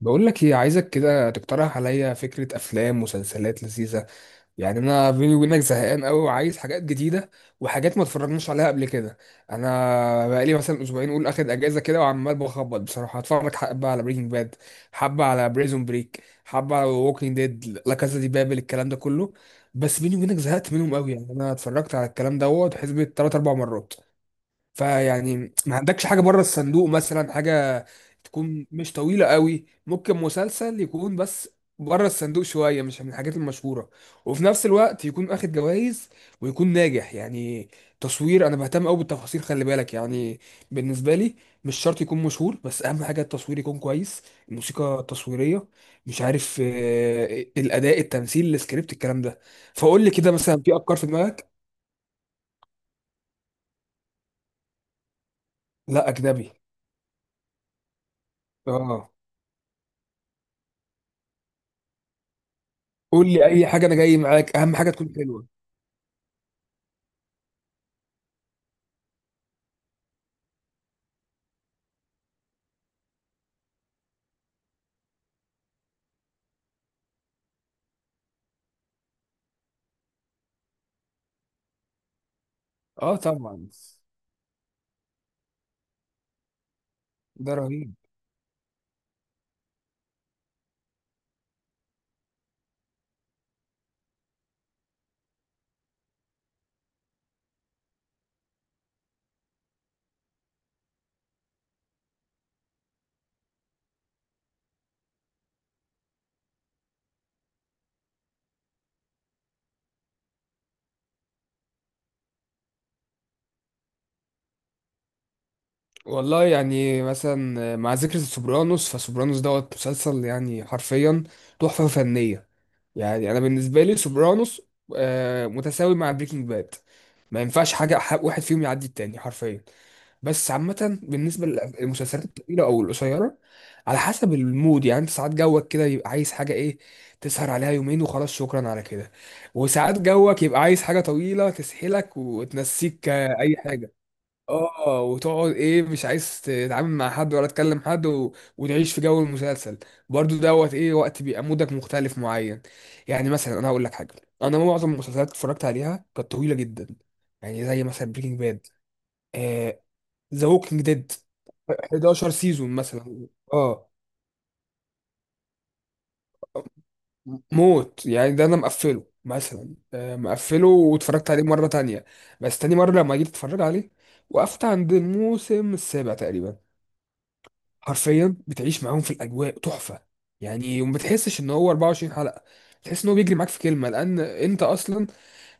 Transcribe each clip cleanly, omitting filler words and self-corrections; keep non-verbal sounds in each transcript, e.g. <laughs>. بقول لك ايه، عايزك كده تقترح عليا فكرة افلام مسلسلات لذيذة. يعني انا بيني وبينك زهقان قوي وعايز حاجات جديدة وحاجات ما اتفرجناش عليها قبل كده. انا بقالي مثلا اسبوعين اقول اخد اجازة كده وعمال بخبط. بصراحة هتفرج حبة على بريكنج باد، حبة على بريزون بريك، حبة على ووكينج ديد، لا كازا دي بابل، الكلام ده كله. بس بيني وبينك زهقت منهم قوي. يعني انا اتفرجت على الكلام دوت حسبة 3 4 مرات. فيعني ما عندكش حاجة بره الصندوق مثلا؟ حاجة تكون مش طويلة قوي، ممكن مسلسل يكون بس بره الصندوق شوية، مش من الحاجات المشهورة، وفي نفس الوقت يكون اخد جوائز ويكون ناجح يعني. تصوير، انا بهتم قوي بالتفاصيل، خلي بالك يعني. بالنسبة لي مش شرط يكون مشهور، بس اهم حاجة التصوير يكون كويس، الموسيقى التصويرية، مش عارف، الاداء، التمثيل، السكريبت، الكلام ده. فقول لي كده، مثلا في افكار في دماغك؟ لا، اجنبي. اه. قول لي اي حاجه، انا جاي معاك، اهم حاجه تكون حلوه. اه طبعا. ده رهيب. والله يعني مثلا مع ذكر سوبرانوس، فسوبرانوس دوت مسلسل يعني حرفيا تحفه فنيه. يعني انا بالنسبه لي سوبرانوس متساوي مع بريكنج باد. ما ينفعش حاجه واحد فيهم يعدي التاني حرفيا. بس عامة بالنسبة للمسلسلات الطويلة أو القصيرة على حسب المود يعني. أنت ساعات جوك كده يبقى عايز حاجة إيه، تسهر عليها يومين وخلاص شكرا على كده. وساعات جوك يبقى عايز حاجة طويلة تسحلك وتنسيك، أي حاجة. آه وتقعد إيه، مش عايز تتعامل مع حد ولا تكلم حد وتعيش في جو المسلسل. برضو دوت إيه، وقت بيبقى مودك مختلف معين. يعني مثلا أنا هقول لك حاجة، أنا معظم المسلسلات اللي اتفرجت عليها كانت طويلة جدا. يعني زي مثلا بريكنج باد، ذا ووكينج ديد، 11 سيزون مثلا. اه موت يعني، ده انا مقفله مثلا، مقفله واتفرجت عليه مره تانية. بس تاني مره لما جيت اتفرج عليه وقفت عند الموسم السابع تقريبا. حرفيا بتعيش معاهم في الاجواء، تحفه يعني. وما بتحسش ان هو 24 حلقه، تحس ان هو بيجري معاك في كلمه، لان انت اصلا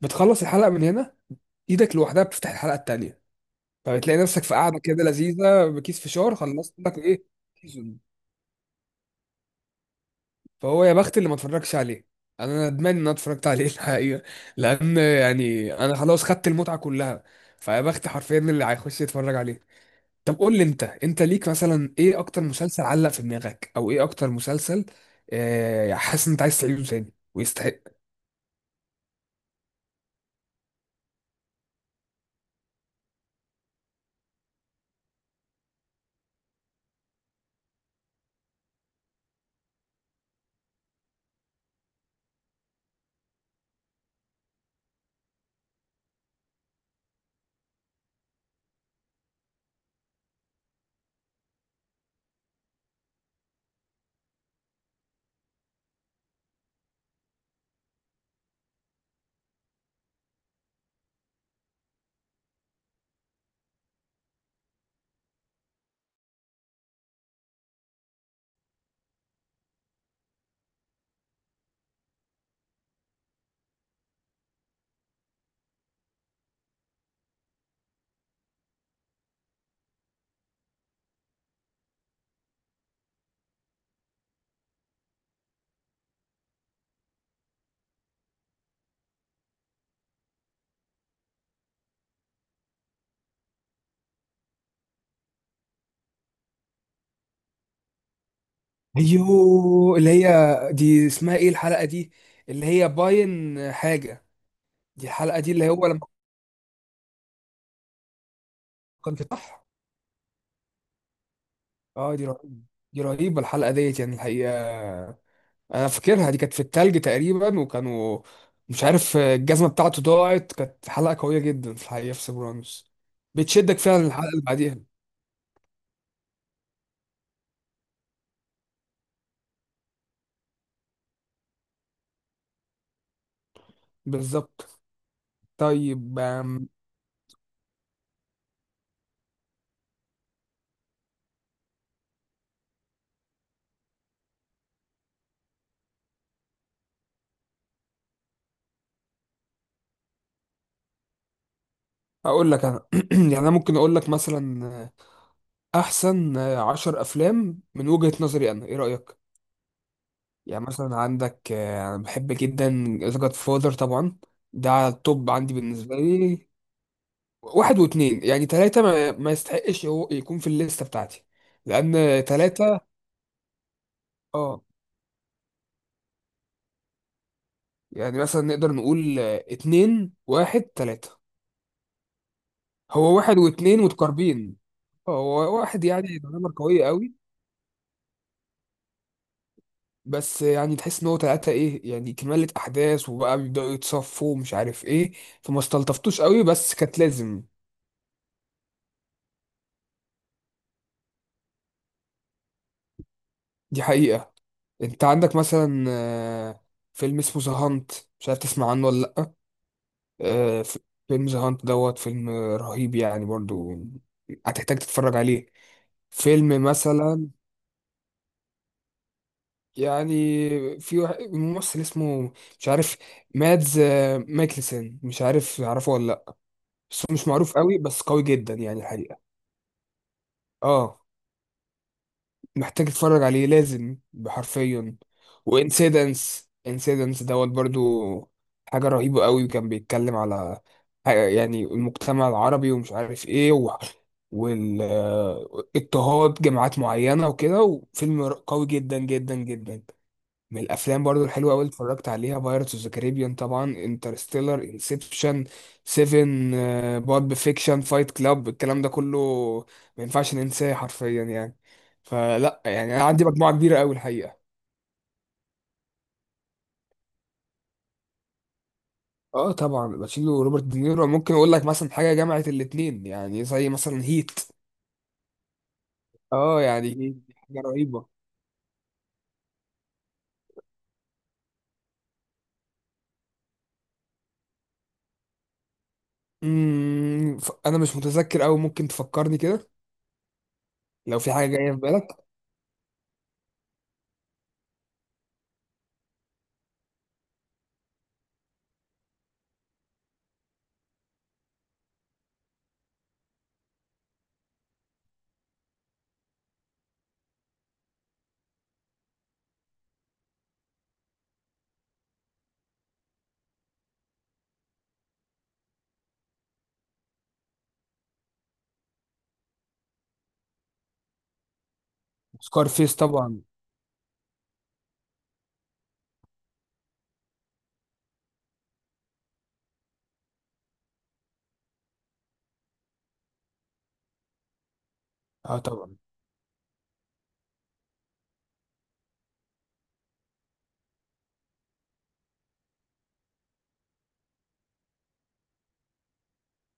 بتخلص الحلقه من هنا، ايدك لوحدها بتفتح الحلقه التانية. فبتلاقي نفسك في قاعده كده لذيذه بكيس فشار، خلصت لك ايه. فهو يا بخت اللي ما اتفرجش عليه. يعني انا ندمان ان انا اتفرجت عليه <laughs> الحقيقه، لان يعني انا خلاص خدت المتعه كلها. فيا بخت حرفيا اللي هيخش يتفرج عليه. طب قول لي انت ليك مثلا ايه اكتر مسلسل علق في دماغك، او ايه اكتر مسلسل حاسس ان انت عايز تعيده تاني ويستحق. ايوه، اللي هي دي اسمها ايه الحلقه دي؟ اللي هي باين حاجه، دي الحلقه دي اللي هو لما كان في، صح. اه دي رهيبه، دي رهيبه الحلقه ديت يعني الحقيقه. انا فاكرها دي كانت في التلج تقريبا، وكانوا مش عارف الجزمه بتاعته ضاعت. كانت حلقه قويه جدا في الحقيقه في سيبرانوس. بتشدك فعلا الحلقه اللي بعديها. بالظبط. طيب اقول لك انا. <clears throat> يعني انا ممكن اقول لك مثلا، احسن 10 افلام من وجهه نظري انا، ايه رايك؟ يعني مثلا عندك، انا بحب جدا ذا جاد فاذر طبعا. ده على التوب عندي بالنسبه لي. واحد واتنين، يعني تلاته ما يستحقش هو يكون في الليسته بتاعتي لان تلاتة. اه يعني مثلا نقدر نقول اتنين واحد تلاتة. هو واحد واتنين متقاربين، هو واحد يعني نمر قوية قوي. بس يعني تحس ان هو تلاتة ايه، يعني كمالة احداث وبقى بيبدأوا يتصفوا ومش عارف ايه. فما استلطفتوش قوي بس كانت لازم. دي حقيقة. انت عندك مثلا، فيلم اسمه ذا هانت، مش عارف تسمع عنه ولا لأ. آه، ف- فيلم ذا هانت دوت فيلم رهيب يعني برضو، هتحتاج تتفرج عليه. فيلم مثلا، يعني في واحد ممثل اسمه مش عارف، مادز مايكلسن، مش عارف تعرفه ولا لا. بس هو مش معروف قوي، بس قوي جدا يعني الحقيقة. اه محتاج تتفرج عليه لازم بحرفيا. وانسيدنس، انسيدنس دوت برضو حاجة رهيبة قوي. كان بيتكلم على يعني المجتمع العربي ومش عارف ايه والاضطهاد جماعات معينة وكده، وفيلم قوي جدا جدا جدا. من الافلام برضو الحلوه قوي اتفرجت عليها بايرتس اوف ذا كاريبيان طبعا، انترستيلر، انسبشن، سيفن، بولب فيكشن، فايت كلاب، الكلام ده كله ما ينفعش ننساه حرفيا يعني. فلا يعني انا عندي مجموعه كبيره قوي الحقيقه. اه طبعا، باتشينو وروبرت دينيرو ممكن اقول لك مثلا حاجه جمعت الاتنين، يعني زي مثلا هيت. اه يعني هيت دي حاجه رهيبه. انا مش متذكر قوي، ممكن تفكرني كده لو في حاجه جايه في بالك. سكار فيس طبعا. اه طبعا.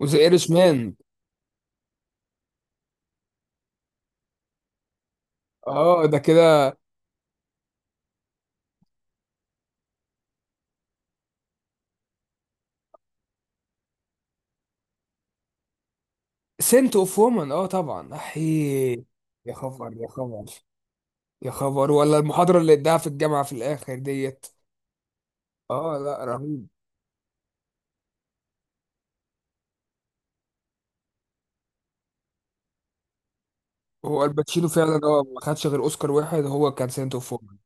وذا ايرش مان. اه ده كده. سنت اوف وومن، اه طبعا، احي. يا خبر، يا خبر، يا خبر، ولا المحاضرة اللي اداها في الجامعة في الآخر ديت. اه لا رهيب. هو الباتشينو فعلا هو ما خدش غير اوسكار واحد، هو كان سنت اوف وومن.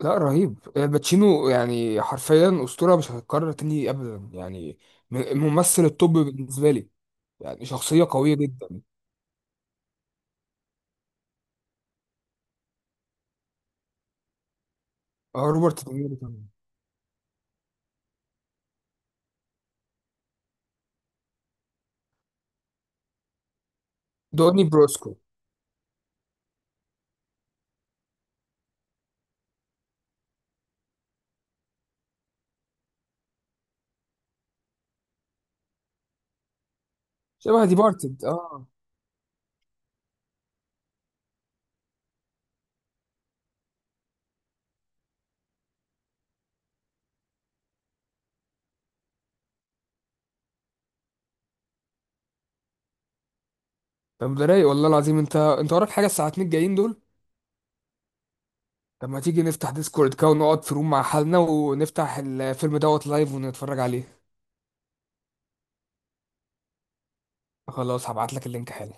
لا رهيب، الباتشينو يعني حرفيا أسطورة مش هتتكرر تاني أبدا يعني. الممثل التوب بالنسبة لي. يعني شخصية قوية جدا. اه روبرت دينيرو كمان. دوني بروسكو. شبه دي بارتد، اه. طب ده رايق والله العظيم، انت وراك حاجة الساعتين الجايين دول؟ طب ما تيجي نفتح ديسكورد كده ونقعد في روم مع حالنا ونفتح الفيلم دوت لايف ونتفرج عليه. خلاص هبعت لك اللينك حالا.